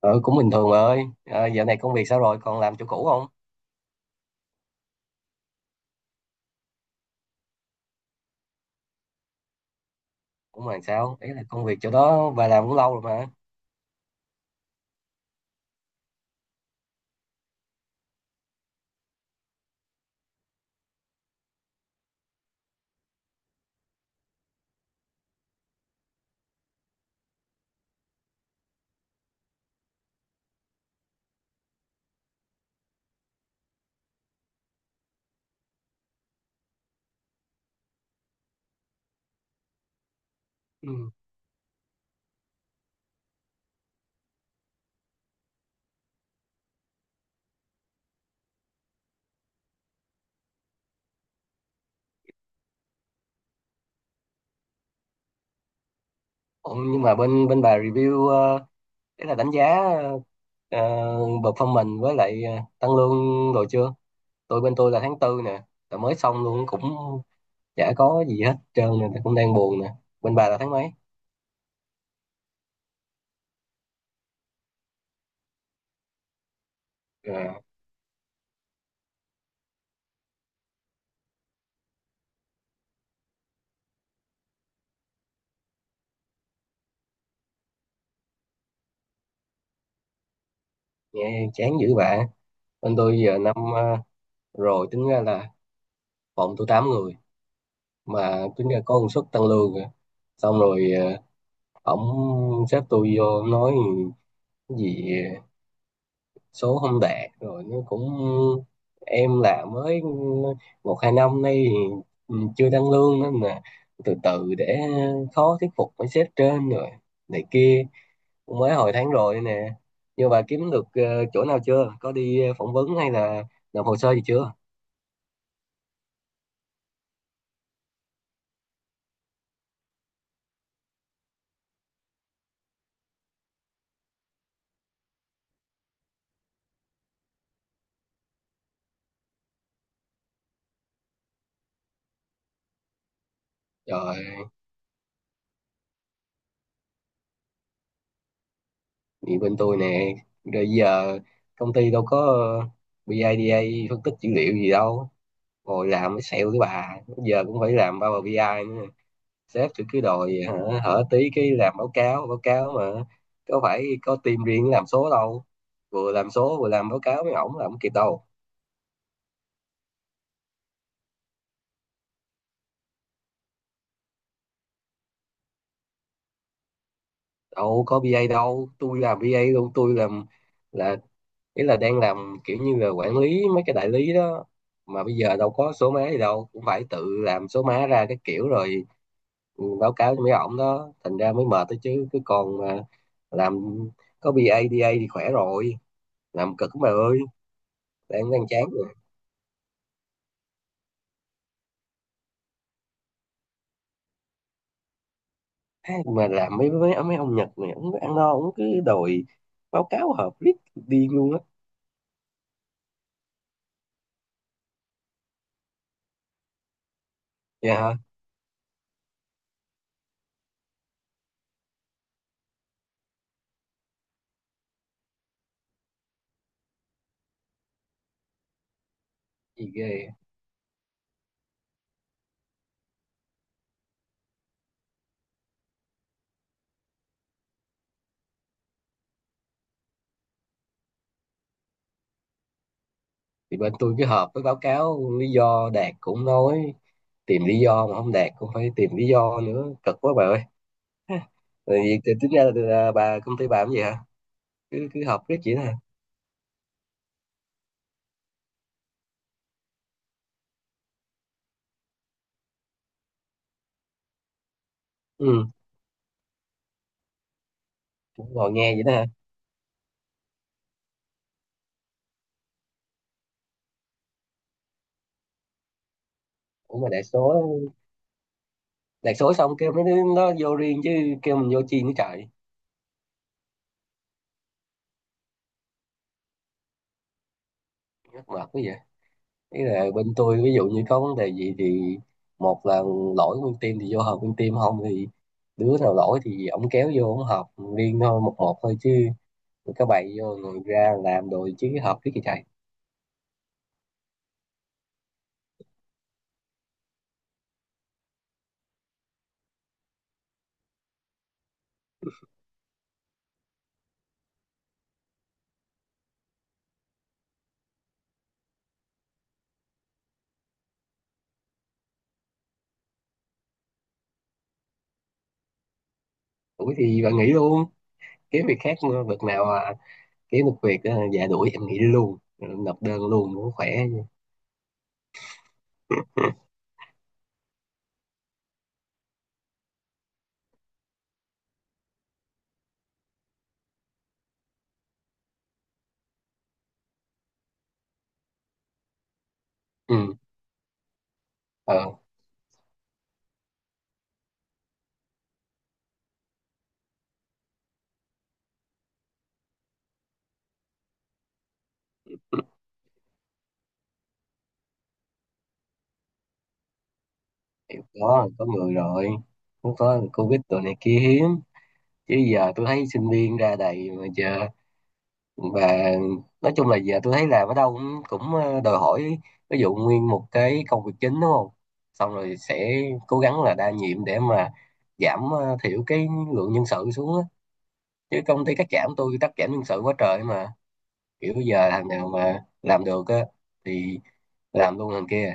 Ừ, cũng bình thường bà ơi. À, dạo này công việc sao rồi? Còn làm chỗ cũ không? Cũng làm sao? Đấy là công việc chỗ đó bà làm cũng lâu rồi mà. Ừ. Ủa, nhưng mà bên bên bà review, đấy là đánh giá, ờ, performance với lại tăng lương rồi chưa? Tôi bên tôi là tháng tư nè, là mới xong luôn cũng chả có gì hết trơn nè, cũng đang buồn nè. Bên bà là tháng mấy? À, nghe chán dữ bà. Bên tôi giờ năm, rồi tính ra là phòng tôi 8 người mà tính ra có công suất tăng lương kìa. Xong rồi, ổng xếp tôi vô nói cái gì số không đạt rồi nó cũng em là mới một hai năm nay thì chưa tăng lương nên mà từ từ để khó thuyết phục mấy sếp trên rồi này kia, cũng mới hồi tháng rồi nè. Nhưng bà kiếm được chỗ nào chưa, có đi phỏng vấn hay là nộp hồ sơ gì chưa? Trời, thì bên tôi nè, rồi giờ công ty đâu có BIDA, phân tích dữ liệu gì đâu, ngồi làm mới sale cái bà giờ cũng phải làm Power BI nữa. Sếp thì cứ đòi hả, hở tí cái làm báo cáo mà có phải có team riêng làm số đâu, vừa làm số vừa làm báo cáo với ổng là không kịp đâu. Đâu có BA đâu, tôi làm BA luôn, tôi làm là, ý là đang làm kiểu như là quản lý mấy cái đại lý đó mà bây giờ đâu có số má gì đâu, cũng phải tự làm số má ra cái kiểu rồi báo cáo cho mấy ổng đó, thành ra mới mệt đó chứ cứ còn mà làm có bê a BA a thì khỏe rồi. Làm cực bà ơi. Đang đang chán rồi. Thế mà làm mấy mấy mấy ông Nhật này, ông ăn no ông cứ đòi báo cáo họp riết điên luôn á. Dạ hả? Gì ghê. Thì bên tôi cứ họp với báo cáo, lý do đạt cũng nói tìm lý do, mà không đạt cũng phải tìm lý do nữa, cực quá bà ơi. Rồi vì thì tính ra là, bà công ty bà làm gì hả, cứ cứ họp riết vậy đó hả? Ừ. Cũng ngồi nghe vậy đó hả? Ủa mà đại số xong kêu mấy đứa nó vô riêng chứ kêu mình vô chi nữa trời. Mắc mệt quá vậy. Ý là bên tôi ví dụ như có vấn đề gì thì, một là lỗi nguyên team thì vô họp nguyên team, không thì đứa nào lỗi thì ổng kéo vô ổng họp riêng thôi, một một thôi chứ. Rồi các bày vô rồi ra làm rồi chứ họp cái gì chạy. Đuổi thì bạn nghỉ luôn, kiếm việc khác mà, việc nào à, kiếm được việc à, dạ đuổi em nghỉ luôn, nộp đơn luôn cũng khỏe chứ. Ừ. Ờ. Thì có người rồi, cũng có covid rồi này kia hiếm chứ giờ tôi thấy sinh viên ra đầy mà. Giờ và nói chung là giờ tôi thấy làm ở đâu cũng cũng ờ, đòi hỏi ví dụ nguyên một cái công việc chính đúng không, xong rồi sẽ cố gắng là đa nhiệm để mà giảm, thiểu cái lượng nhân sự xuống á. Chứ công ty cắt giảm tôi, cắt giảm nhân sự quá trời mà, kiểu giờ thằng nào mà làm được á thì làm luôn thằng kia.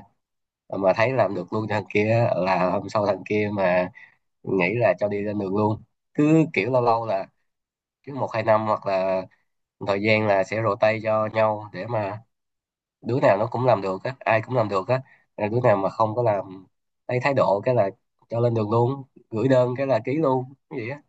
Ờ, mà thấy làm được luôn thằng kia á, là hôm sau thằng kia mà nghĩ là cho đi lên đường luôn. Cứ kiểu lâu lâu là cứ một hai năm hoặc là thời gian là sẽ rotate cho nhau để mà đứa nào nó cũng làm được á, ai cũng làm được á. Là đứa nào mà không có làm, lấy thái độ cái là cho lên đường luôn, gửi đơn cái là ký luôn cái gì á.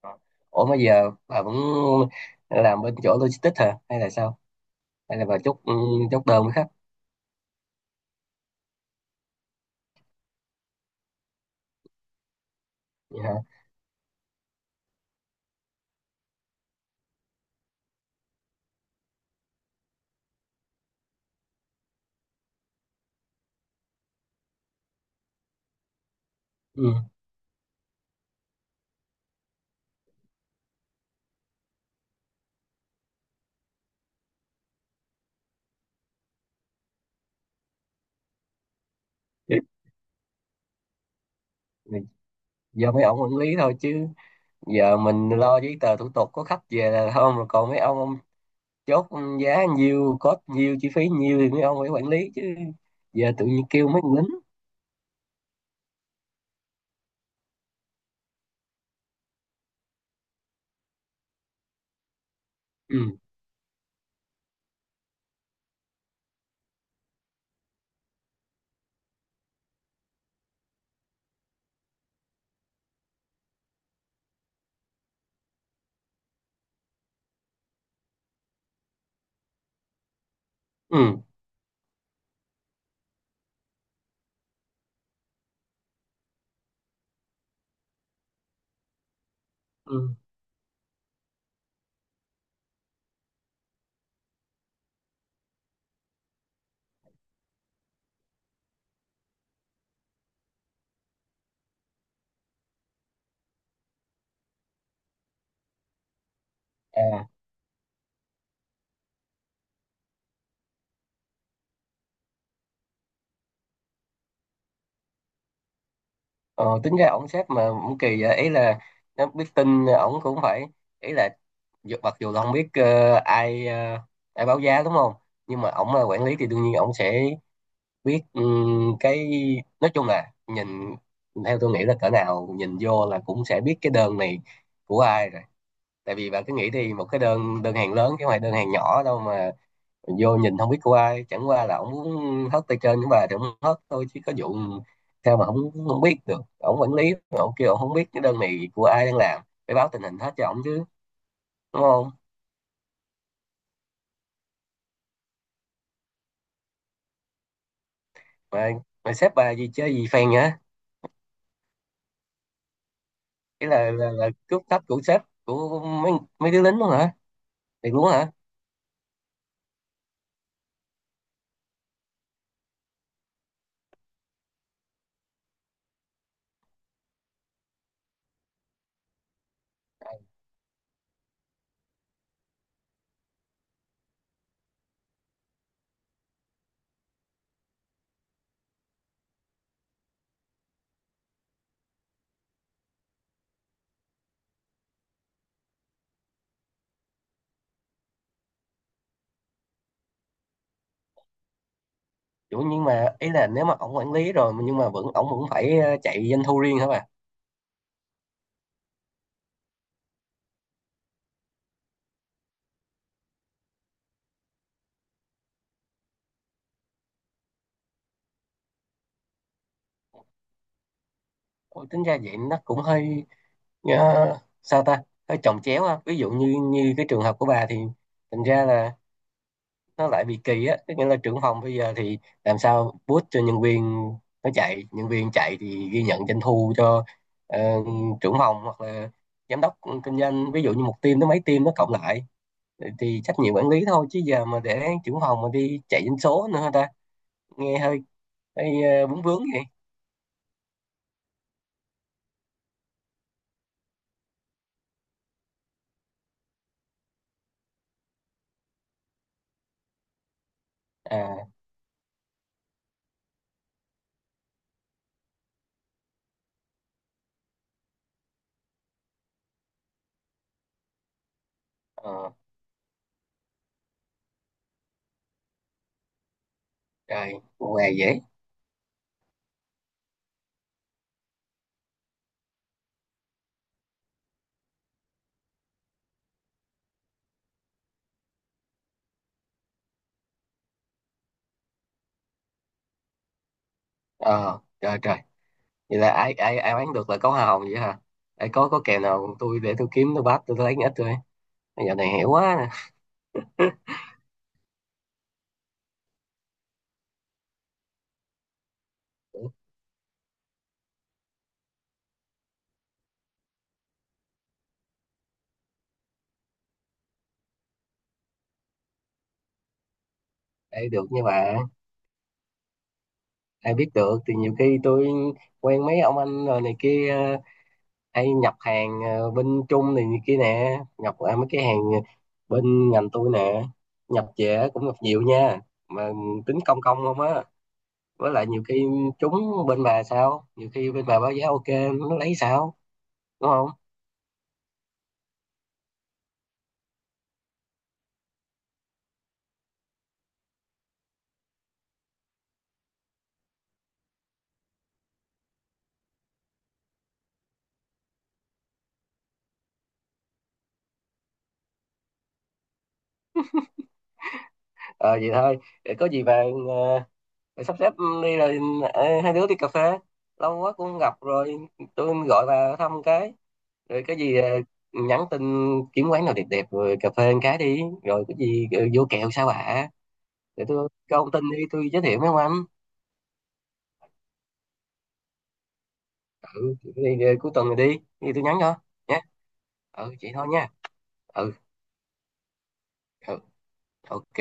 Ờ. Ủa mà giờ bà vẫn làm bên chỗ logistics hả hay là sao, hay là bà chốt, chốt đơn với khách? Vậy hả. Ừ. Giờ mấy ông quản lý thôi chứ, giờ mình lo giấy tờ thủ tục có khách về là không rồi, còn mấy ông chốt giá nhiêu, cost nhiêu, chi phí nhiêu thì mấy ông phải quản lý chứ, giờ tự nhiên kêu mấy con lính. Ừ. Ừ. Ừ. À. Ờ, tính ra ổng sếp mà cũng kỳ vậy, ý là nó biết tin ổng cũng phải, ý là mặc dù là không biết ai báo giá đúng không, nhưng mà ổng là quản lý thì đương nhiên ổng sẽ biết, cái nói chung là nhìn, theo tôi nghĩ là cỡ nào nhìn vô là cũng sẽ biết cái đơn này của ai rồi. Tại vì bạn cứ nghĩ thì một cái đơn đơn hàng lớn chứ không phải đơn hàng nhỏ đâu mà mình vô nhìn không biết của ai, chẳng qua là ổng muốn hớt tay trên của bà thì ổng hớt thôi chứ có vụ sao mà không không biết được. Ổng quản lý, ổng kêu ổng không biết cái đơn này của ai đang làm, phải báo tình hình hết cho ổng chứ, đúng không? Mà mà sếp bà gì chơi gì phèn hả? Cái là cướp thấp của sếp, của mấy mấy đứa lính luôn hả? Thiệt luôn hả? Nhưng mà ý là nếu mà ổng quản lý rồi nhưng mà vẫn ổng vẫn phải chạy doanh thu riêng hả bà? Ôi, tính ra vậy nó cũng hơi. Ờ, sao ta, hơi chồng chéo ha, ví dụ như như cái trường hợp của bà thì thành ra là nó lại bị kỳ á, tức nghĩa là trưởng phòng bây giờ thì làm sao boost cho nhân viên nó chạy, nhân viên chạy thì ghi nhận doanh thu cho ờ, trưởng phòng hoặc là giám đốc kinh doanh, ví dụ như một team tới mấy team nó cộng lại thì trách nhiệm quản lý thôi chứ giờ mà để trưởng phòng mà đi chạy doanh số nữa hả ta? Nghe hơi hơi, bướng bướng vậy. À. ờ, Rồi ngoài dễ. Ờ Trời trời, vậy là ai ai ai bán được là có hoa hồng vậy hả? Ai có kèo nào tôi để tôi kiếm, tôi bắt tôi lấy ít thôi, giờ này hiểu quá nè. Ai được như bà. Ai biết được thì nhiều khi tôi quen mấy ông anh rồi này kia, hay nhập hàng, bên Trung này, này kia nè, nhập mấy cái hàng bên ngành tôi nè, nhập về cũng nhập nhiều nha, mà tính công công không á. Với lại nhiều khi trúng bên bà, sao nhiều khi bên bà báo giá ok nó lấy sao, đúng không? Ờ Vậy thôi. Để có gì bà, ờ, rồi sắp xếp đi, rồi hai đứa đi cà phê, lâu quá cũng không gặp rồi. Tôi gọi bà thăm cái, rồi cái gì nhắn tin kiếm quán nào đẹp đẹp rồi cà phê một cái đi, rồi cái gì vô kẹo sao bà, để tôi có thông tin đi tôi giới thiệu mấy ông anh. Ừ thì, cuối tuần này đi thì tôi nhắn cho nhé. Ừ vậy thôi nha. Ừ, ừ, ok.